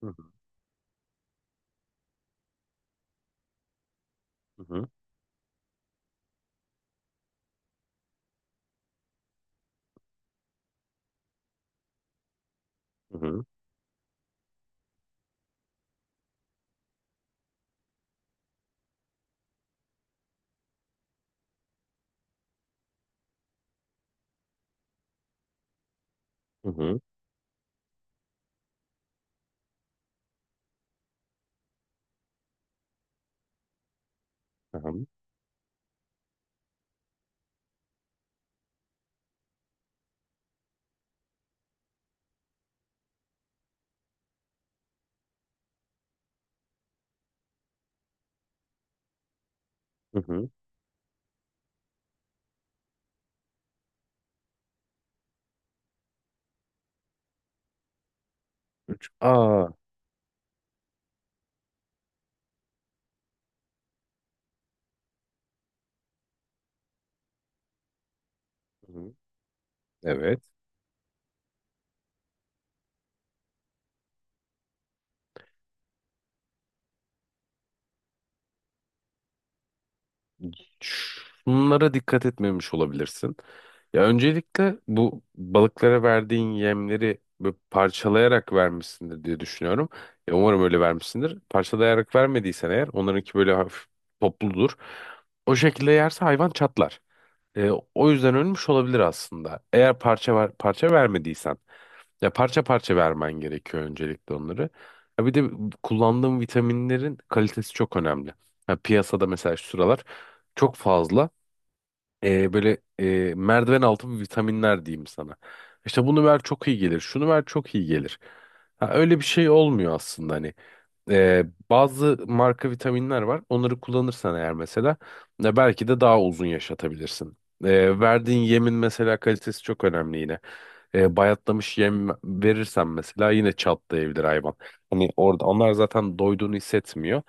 Hı hı, hı hı, hı hı, hı, tamam, hı hı. Üç. Aa. Hı hı. Evet. Şunlara dikkat etmemiş olabilirsin. Ya öncelikle bu balıklara verdiğin yemleri böyle parçalayarak vermişsindir diye düşünüyorum. Ya umarım öyle vermişsindir. Parçalayarak vermediysen eğer onlarınki böyle hafif topludur. O şekilde yerse hayvan çatlar. O yüzden ölmüş olabilir aslında. Eğer parça vermediysen. Ya parça parça vermen gerekiyor öncelikle onları. Ya bir de kullandığım vitaminlerin kalitesi çok önemli. Ya piyasada mesela şu sıralar çok fazla böyle merdiven altı vitaminler diyeyim sana. İşte bunu ver çok iyi gelir, şunu ver çok iyi gelir. Ha, öyle bir şey olmuyor aslında hani. Bazı marka vitaminler var. Onları kullanırsan eğer mesela belki de daha uzun yaşatabilirsin. Verdiğin yemin mesela kalitesi çok önemli yine. Bayatlamış yem verirsen mesela yine çatlayabilir hayvan. Hani orada onlar zaten doyduğunu hissetmiyor.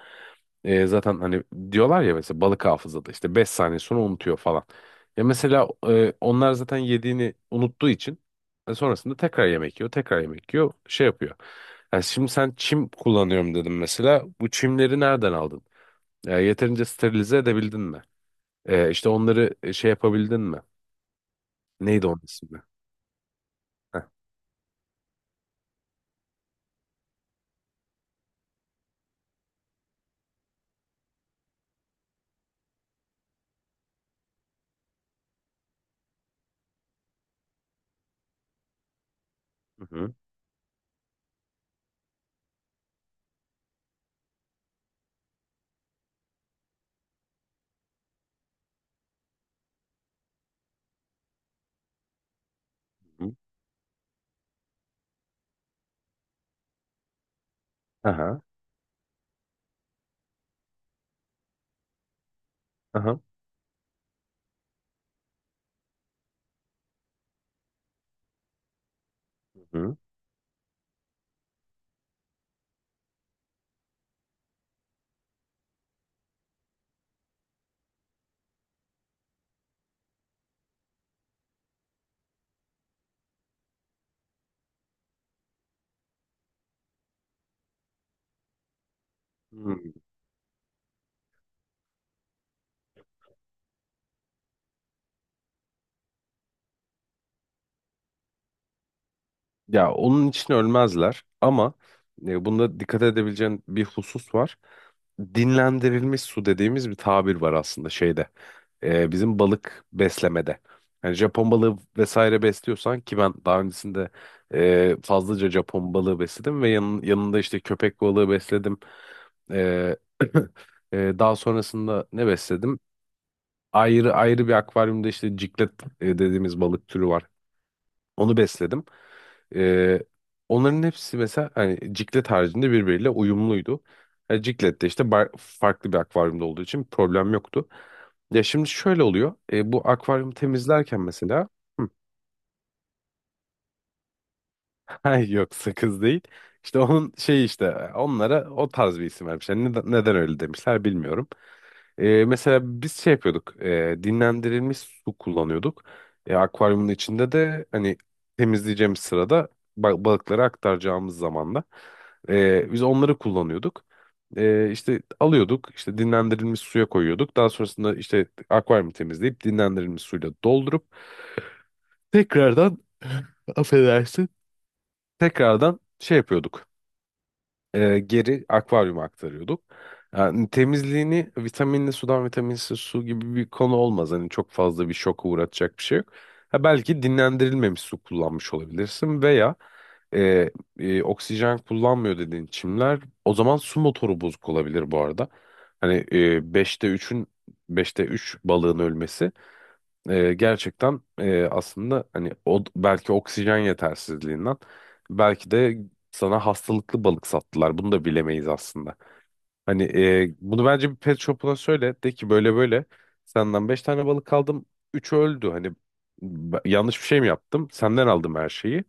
Zaten hani diyorlar ya mesela balık hafızada işte 5 saniye sonra unutuyor falan. Ya mesela onlar zaten yediğini unuttuğu için sonrasında tekrar yemek yiyor, tekrar yemek yiyor, şey yapıyor. Yani şimdi sen çim kullanıyorum dedim mesela. Bu çimleri nereden aldın? Yeterince sterilize edebildin mi? İşte onları şey yapabildin mi? Neydi onun ismi? Heh. Hı hı. Hı hı. Aha. Aha. Hı hı. Hı. Ya onun için ölmezler ama bunda dikkat edebileceğin bir husus var. Dinlendirilmiş su dediğimiz bir tabir var aslında şeyde. Bizim balık beslemede. Yani Japon balığı vesaire besliyorsan ki ben daha öncesinde fazlaca Japon balığı besledim ve yanında işte köpek balığı besledim. Ee, daha sonrasında ne besledim? Ayrı ayrı bir akvaryumda işte ciklet dediğimiz balık türü var. Onu besledim. Ee, Onların hepsi mesela hani ciklet haricinde birbiriyle uyumluydu. Yani ciklet de işte farklı bir akvaryumda olduğu için problem yoktu. Ya şimdi şöyle oluyor. Bu akvaryumu temizlerken mesela. Hı. Ay yok, sakız değil. İşte onun şey, işte onlara o tarz bir isim vermişler. Neden, neden öyle demişler bilmiyorum. Mesela biz şey yapıyorduk. Dinlendirilmiş su kullanıyorduk. Akvaryumun içinde de hani temizleyeceğimiz sırada balıkları aktaracağımız zamanda biz onları kullanıyorduk. İşte alıyorduk, işte dinlendirilmiş suya koyuyorduk. Daha sonrasında işte akvaryumu temizleyip dinlendirilmiş suyla doldurup tekrardan affedersin. Tekrardan şey yapıyorduk, geri akvaryuma aktarıyorduk. Yani temizliğini vitaminli sudan vitaminsiz su gibi bir konu olmaz. Hani çok fazla bir şoka uğratacak bir şey yok. Ha, belki dinlendirilmemiş su kullanmış olabilirsin veya e, oksijen kullanmıyor dediğin çimler, o zaman su motoru bozuk olabilir bu arada. Hani 5'te 3 balığın ölmesi gerçekten aslında hani o belki oksijen yetersizliğinden, belki de sana hastalıklı balık sattılar. Bunu da bilemeyiz aslında. Hani bunu bence bir pet shop'una söyle de ki böyle böyle senden 5 tane balık aldım. 3'ü öldü. Hani yanlış bir şey mi yaptım? Senden aldım her şeyi.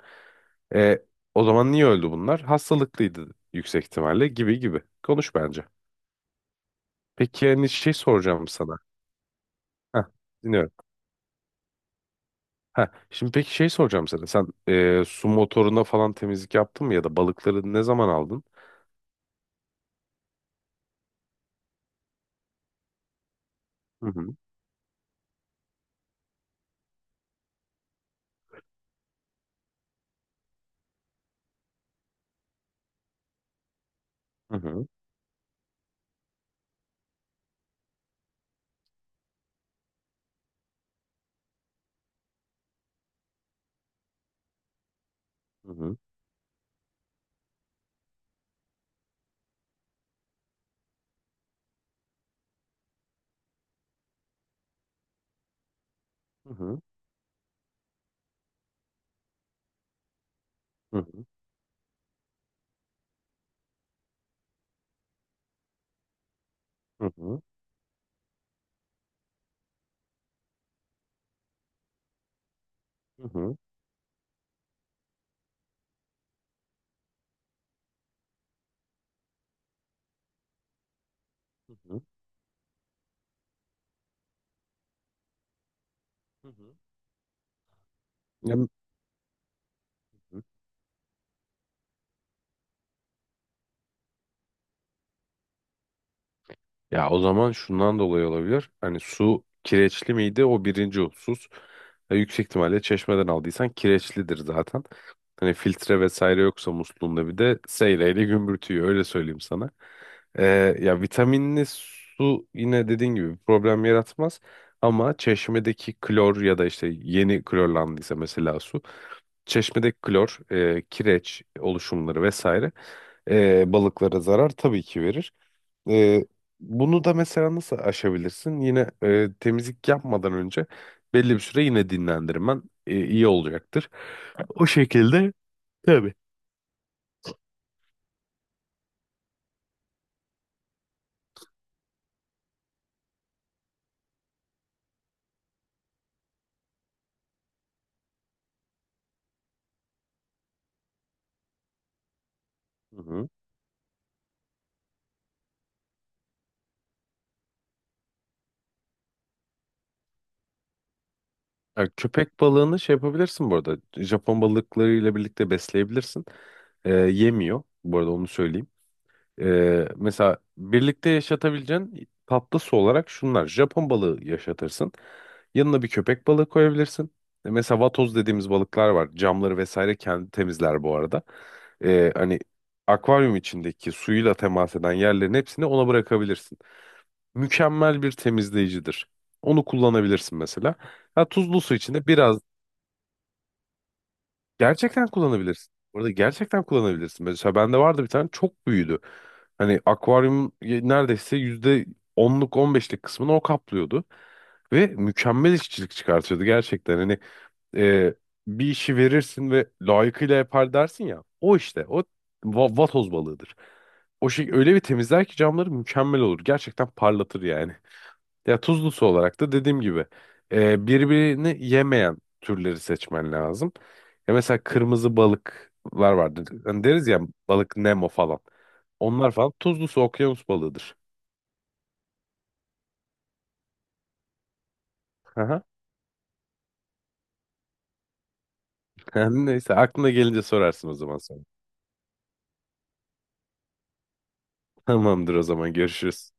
E, O zaman niye öldü bunlar? Hastalıklıydı yüksek ihtimalle, gibi gibi. Konuş bence. Peki hani şey soracağım sana. Heh, dinliyorum. Ha, şimdi peki şey soracağım sana. Sen su motoruna falan temizlik yaptın mı ya da balıkları ne zaman aldın? Hı hı. Hı hı. Hı hı. Hı hı. Hı hı. Hı hı. Hı hı. Hı hı. Hı hı. Ya- Ya o zaman şundan dolayı olabilir. Hani su kireçli miydi? O birinci husus. Yüksek ihtimalle çeşmeden aldıysan kireçlidir zaten. Hani filtre vesaire yoksa musluğunda bir de seyreyle gümbürtüyor, öyle söyleyeyim sana. E, Ya vitaminli su yine dediğin gibi bir problem yaratmaz. Ama çeşmedeki klor ya da işte yeni klorlandıysa mesela su. Çeşmedeki klor, kireç oluşumları vesaire balıklara zarar tabii ki verir. Ee, Bunu da mesela nasıl aşabilirsin? Yine temizlik yapmadan önce belli bir süre yine dinlendirmen iyi olacaktır. O şekilde, tabii. Hı hı. Ya köpek balığını şey yapabilirsin bu arada. Japon balıklarıyla birlikte besleyebilirsin. Yemiyor. Bu arada onu söyleyeyim. Mesela birlikte yaşatabileceğin tatlısı olarak şunlar. Japon balığı yaşatırsın. Yanına bir köpek balığı koyabilirsin. Mesela vatoz dediğimiz balıklar var. Camları vesaire kendi temizler bu arada. Hani akvaryum içindeki suyuyla temas eden yerlerin hepsini ona bırakabilirsin. Mükemmel bir temizleyicidir. Onu kullanabilirsin mesela. Ha, tuzlu su içinde biraz. Gerçekten kullanabilirsin. Orada gerçekten kullanabilirsin. Mesela bende vardı bir tane, çok büyüdü. Hani akvaryum neredeyse yüzde 10'luk 15'lik kısmını o kaplıyordu. Ve mükemmel işçilik çıkartıyordu gerçekten. Hani e, bir işi verirsin ve layıkıyla yapar dersin ya. O işte o vatoz balığıdır. O şey öyle bir temizler ki camları mükemmel olur. Gerçekten parlatır yani. Ya tuzlusu olarak da dediğim gibi birbirini yemeyen türleri seçmen lazım. Ya mesela kırmızı balıklar vardır. Hani deriz ya, balık Nemo falan. Onlar falan tuzlusu okyanus balığıdır. Aha. Neyse, aklına gelince sorarsın o zaman sonra. Tamamdır, o zaman görüşürüz.